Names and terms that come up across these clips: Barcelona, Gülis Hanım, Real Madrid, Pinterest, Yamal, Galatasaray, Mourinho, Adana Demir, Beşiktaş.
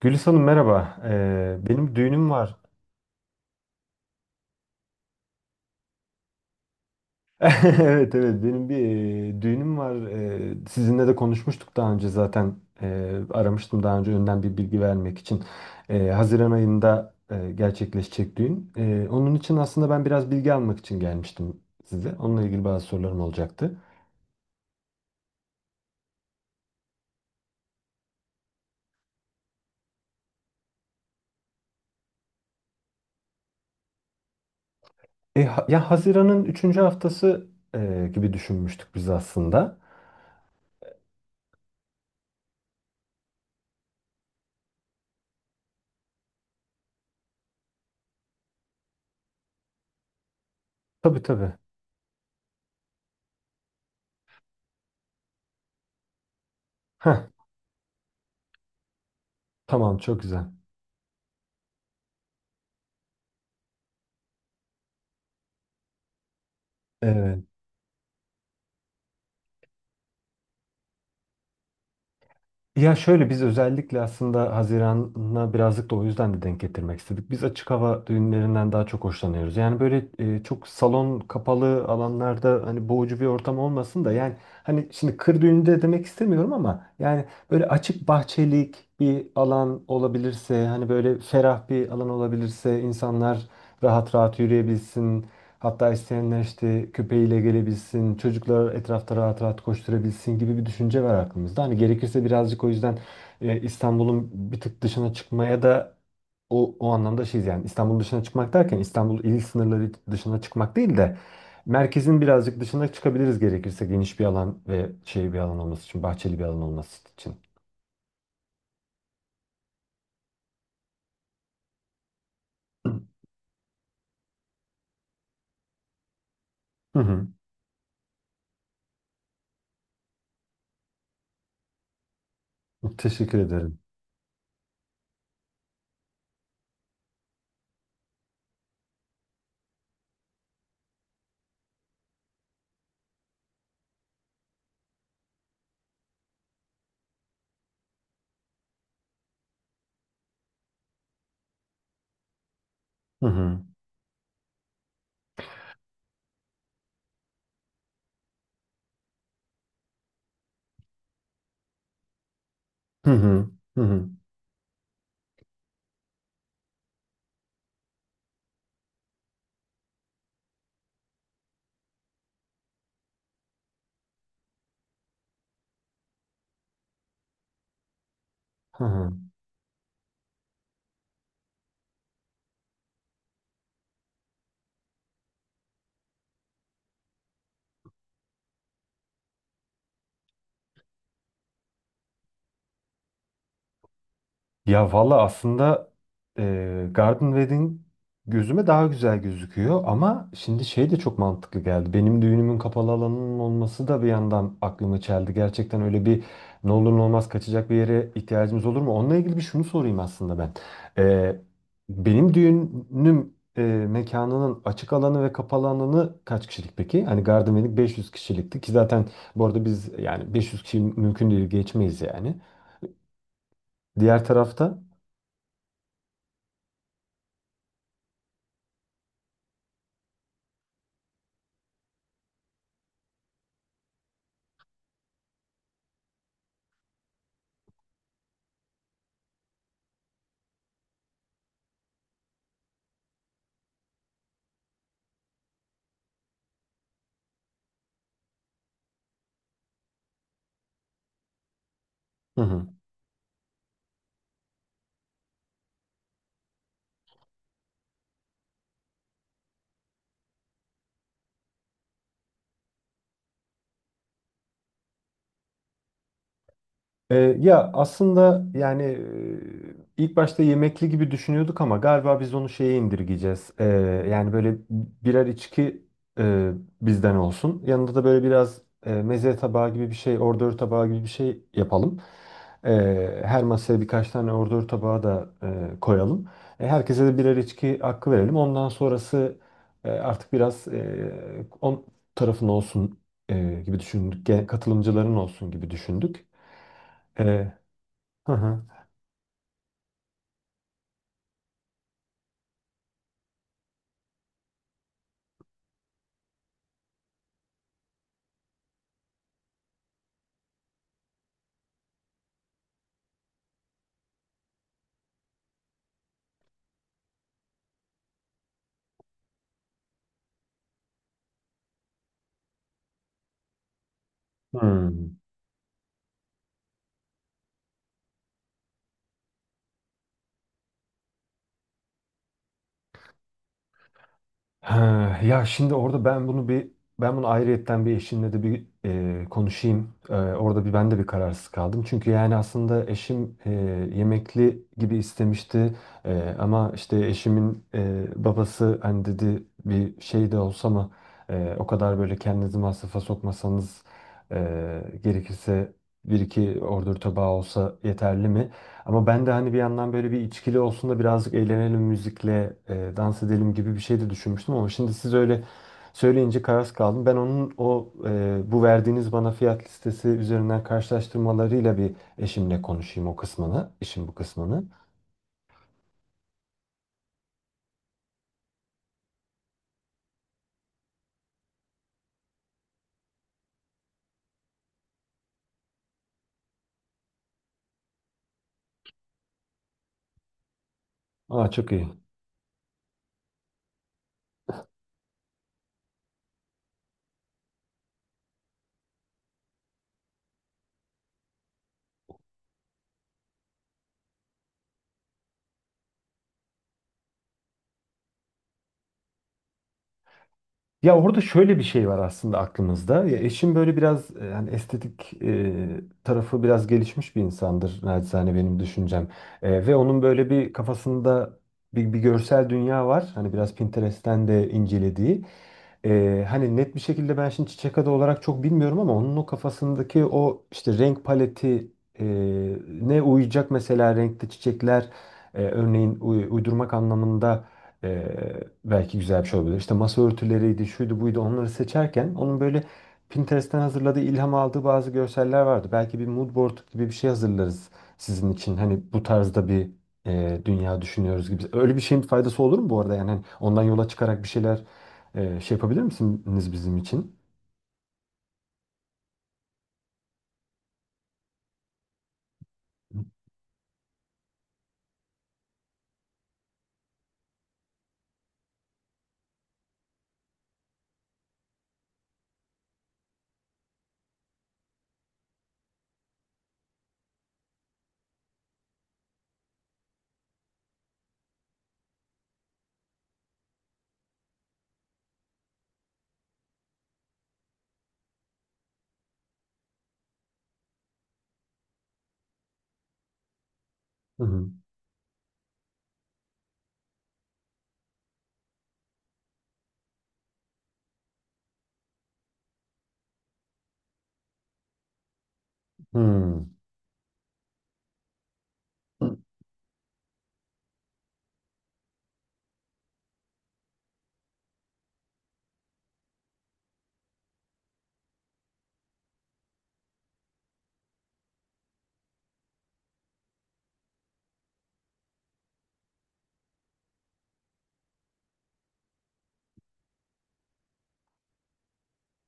Gülis Hanım merhaba. Benim düğünüm var. Evet, benim bir düğünüm var. Sizinle de konuşmuştuk daha önce zaten. Aramıştım daha önce önden bir bilgi vermek için. Haziran ayında gerçekleşecek düğün. Onun için aslında ben biraz bilgi almak için gelmiştim size. Onunla ilgili bazı sorularım olacaktı. Ya Haziran'ın üçüncü haftası gibi düşünmüştük biz aslında. Tabii tabii. Heh, tamam çok güzel. Evet. Ya şöyle biz özellikle aslında Haziran'a birazcık da o yüzden de denk getirmek istedik. Biz açık hava düğünlerinden daha çok hoşlanıyoruz. Yani böyle çok salon kapalı alanlarda hani boğucu bir ortam olmasın da yani hani şimdi kır düğünü de demek istemiyorum ama yani böyle açık bahçelik bir alan olabilirse hani böyle ferah bir alan olabilirse insanlar rahat rahat yürüyebilsin. Hatta isteyenler işte köpeğiyle gelebilsin, çocuklar etrafta rahat rahat koşturabilsin gibi bir düşünce var aklımızda. Hani gerekirse birazcık o yüzden İstanbul'un bir tık dışına çıkmaya da o anlamda şeyiz yani İstanbul dışına çıkmak derken İstanbul il sınırları dışına çıkmak değil de merkezin birazcık dışına çıkabiliriz gerekirse geniş bir alan ve şey bir alan olması için, bahçeli bir alan olması için. Hı hı. Teşekkür ederim. Hı hı. Hı hı. Hı hı. Hı hı. Ya valla aslında Garden Wedding gözüme daha güzel gözüküyor ama şimdi şey de çok mantıklı geldi. Benim düğünümün kapalı alanının olması da bir yandan aklımı çeldi. Gerçekten öyle bir ne olur ne olmaz kaçacak bir yere ihtiyacımız olur mu? Onunla ilgili bir şunu sorayım aslında ben. E, Benim düğünüm mekanının açık alanı ve kapalı alanı kaç kişilik peki? Hani Garden Wedding 500 kişilikti ki zaten bu arada biz yani 500 kişi mümkün değil geçmeyiz yani. Diğer tarafta hı hı. Ya aslında yani ilk başta yemekli gibi düşünüyorduk ama galiba biz onu şeye indirgeyeceğiz. Yani böyle birer içki e, bizden olsun. Yanında da böyle biraz meze tabağı gibi bir şey, ordör tabağı gibi bir şey yapalım. Her masaya birkaç tane ordör tabağı da koyalım. Herkese de birer içki hakkı verelim. Ondan sonrası artık biraz on tarafın olsun gibi düşündük. Katılımcıların olsun gibi düşündük. Hı hı. Hmm. Ha, ya şimdi orada ben bunu bir ben bunu ayrıyetten bir eşimle de bir konuşayım. E, orada bir ben de bir kararsız kaldım. Çünkü yani aslında eşim yemekli gibi istemişti. Ama işte eşimin babası hani dedi bir şey de olsa ama o kadar böyle kendinizi masrafa sokmasanız gerekirse bir iki ordur tabağı olsa yeterli mi? Ama ben de hani bir yandan böyle bir içkili olsun da birazcık eğlenelim müzikle, dans edelim gibi bir şey de düşünmüştüm ama şimdi siz öyle söyleyince kararsız kaldım. Ben onun o bu verdiğiniz bana fiyat listesi üzerinden karşılaştırmalarıyla bir eşimle konuşayım o kısmını, işin bu kısmını. Aa çok iyi. Ya orada şöyle bir şey var aslında aklımızda. Ya eşim böyle biraz yani estetik tarafı biraz gelişmiş bir insandır naçizane benim düşüncem. Ve onun böyle bir kafasında bir görsel dünya var. Hani biraz Pinterest'ten de incelediği. Hani net bir şekilde ben şimdi çiçek adı olarak çok bilmiyorum ama onun o kafasındaki o işte renk paleti e, ne uyacak mesela renkte çiçekler örneğin uydurmak anlamında belki güzel bir şey olabilir. İşte masa örtüleriydi, şuydu buydu onları seçerken onun böyle Pinterest'ten hazırladığı, ilham aldığı bazı görseller vardı. Belki bir mood board gibi bir şey hazırlarız sizin için. Hani bu tarzda bir dünya düşünüyoruz gibi. Öyle bir şeyin faydası olur mu bu arada? Yani hani ondan yola çıkarak bir şeyler şey yapabilir misiniz bizim için? Hı hı. Hmm.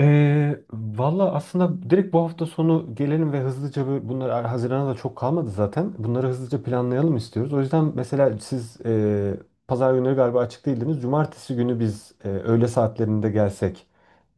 Valla aslında direkt bu hafta sonu gelelim ve hızlıca bunlar Haziran'a da çok kalmadı zaten. Bunları hızlıca planlayalım istiyoruz. O yüzden mesela siz pazar günleri galiba açık değildiniz. Cumartesi günü biz öğle saatlerinde gelsek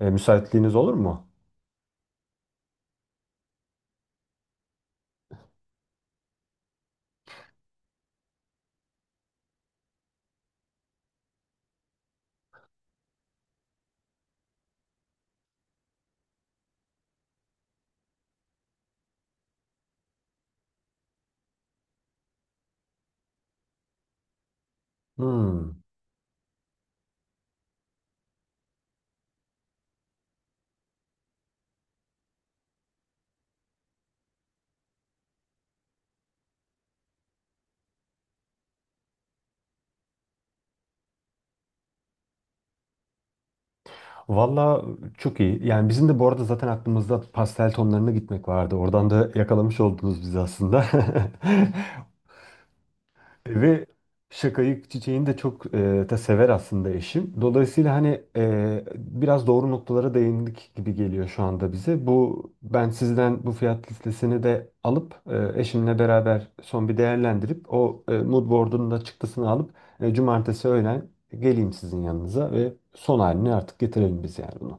müsaitliğiniz olur mu? Hmm. Valla çok iyi. Yani bizim de bu arada zaten aklımızda pastel tonlarına gitmek vardı. Oradan da yakalamış oldunuz bizi aslında. Ve şakayı çiçeğini de çok da sever aslında eşim. Dolayısıyla hani biraz doğru noktalara değindik gibi geliyor şu anda bize. Bu ben sizden bu fiyat listesini de alıp eşimle beraber son bir değerlendirip o mood board'un da çıktısını alıp cumartesi öğlen geleyim sizin yanınıza ve son halini artık getirelim biz yani bunu.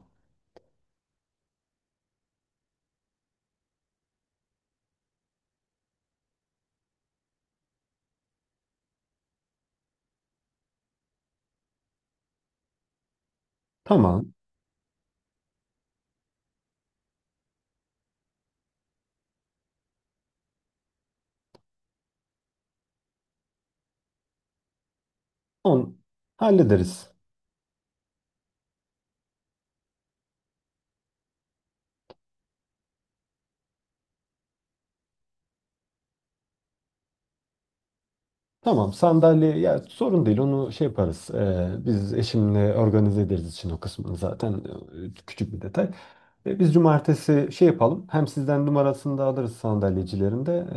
Tamam. On hallederiz. Tamam, sandalye ya sorun değil onu şey yaparız. Biz eşimle organize ederiz için o kısmını zaten küçük bir detay. Biz cumartesi şey yapalım. Hem sizden numarasını da alırız sandalyecilerin de.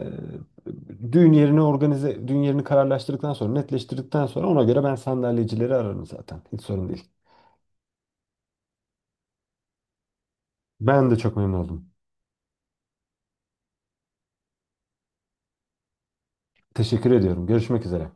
Düğün yerini organize düğün yerini kararlaştırdıktan sonra netleştirdikten sonra ona göre ben sandalyecileri ararım zaten. Hiç sorun değil. Ben de çok memnun oldum. Teşekkür ediyorum. Görüşmek üzere.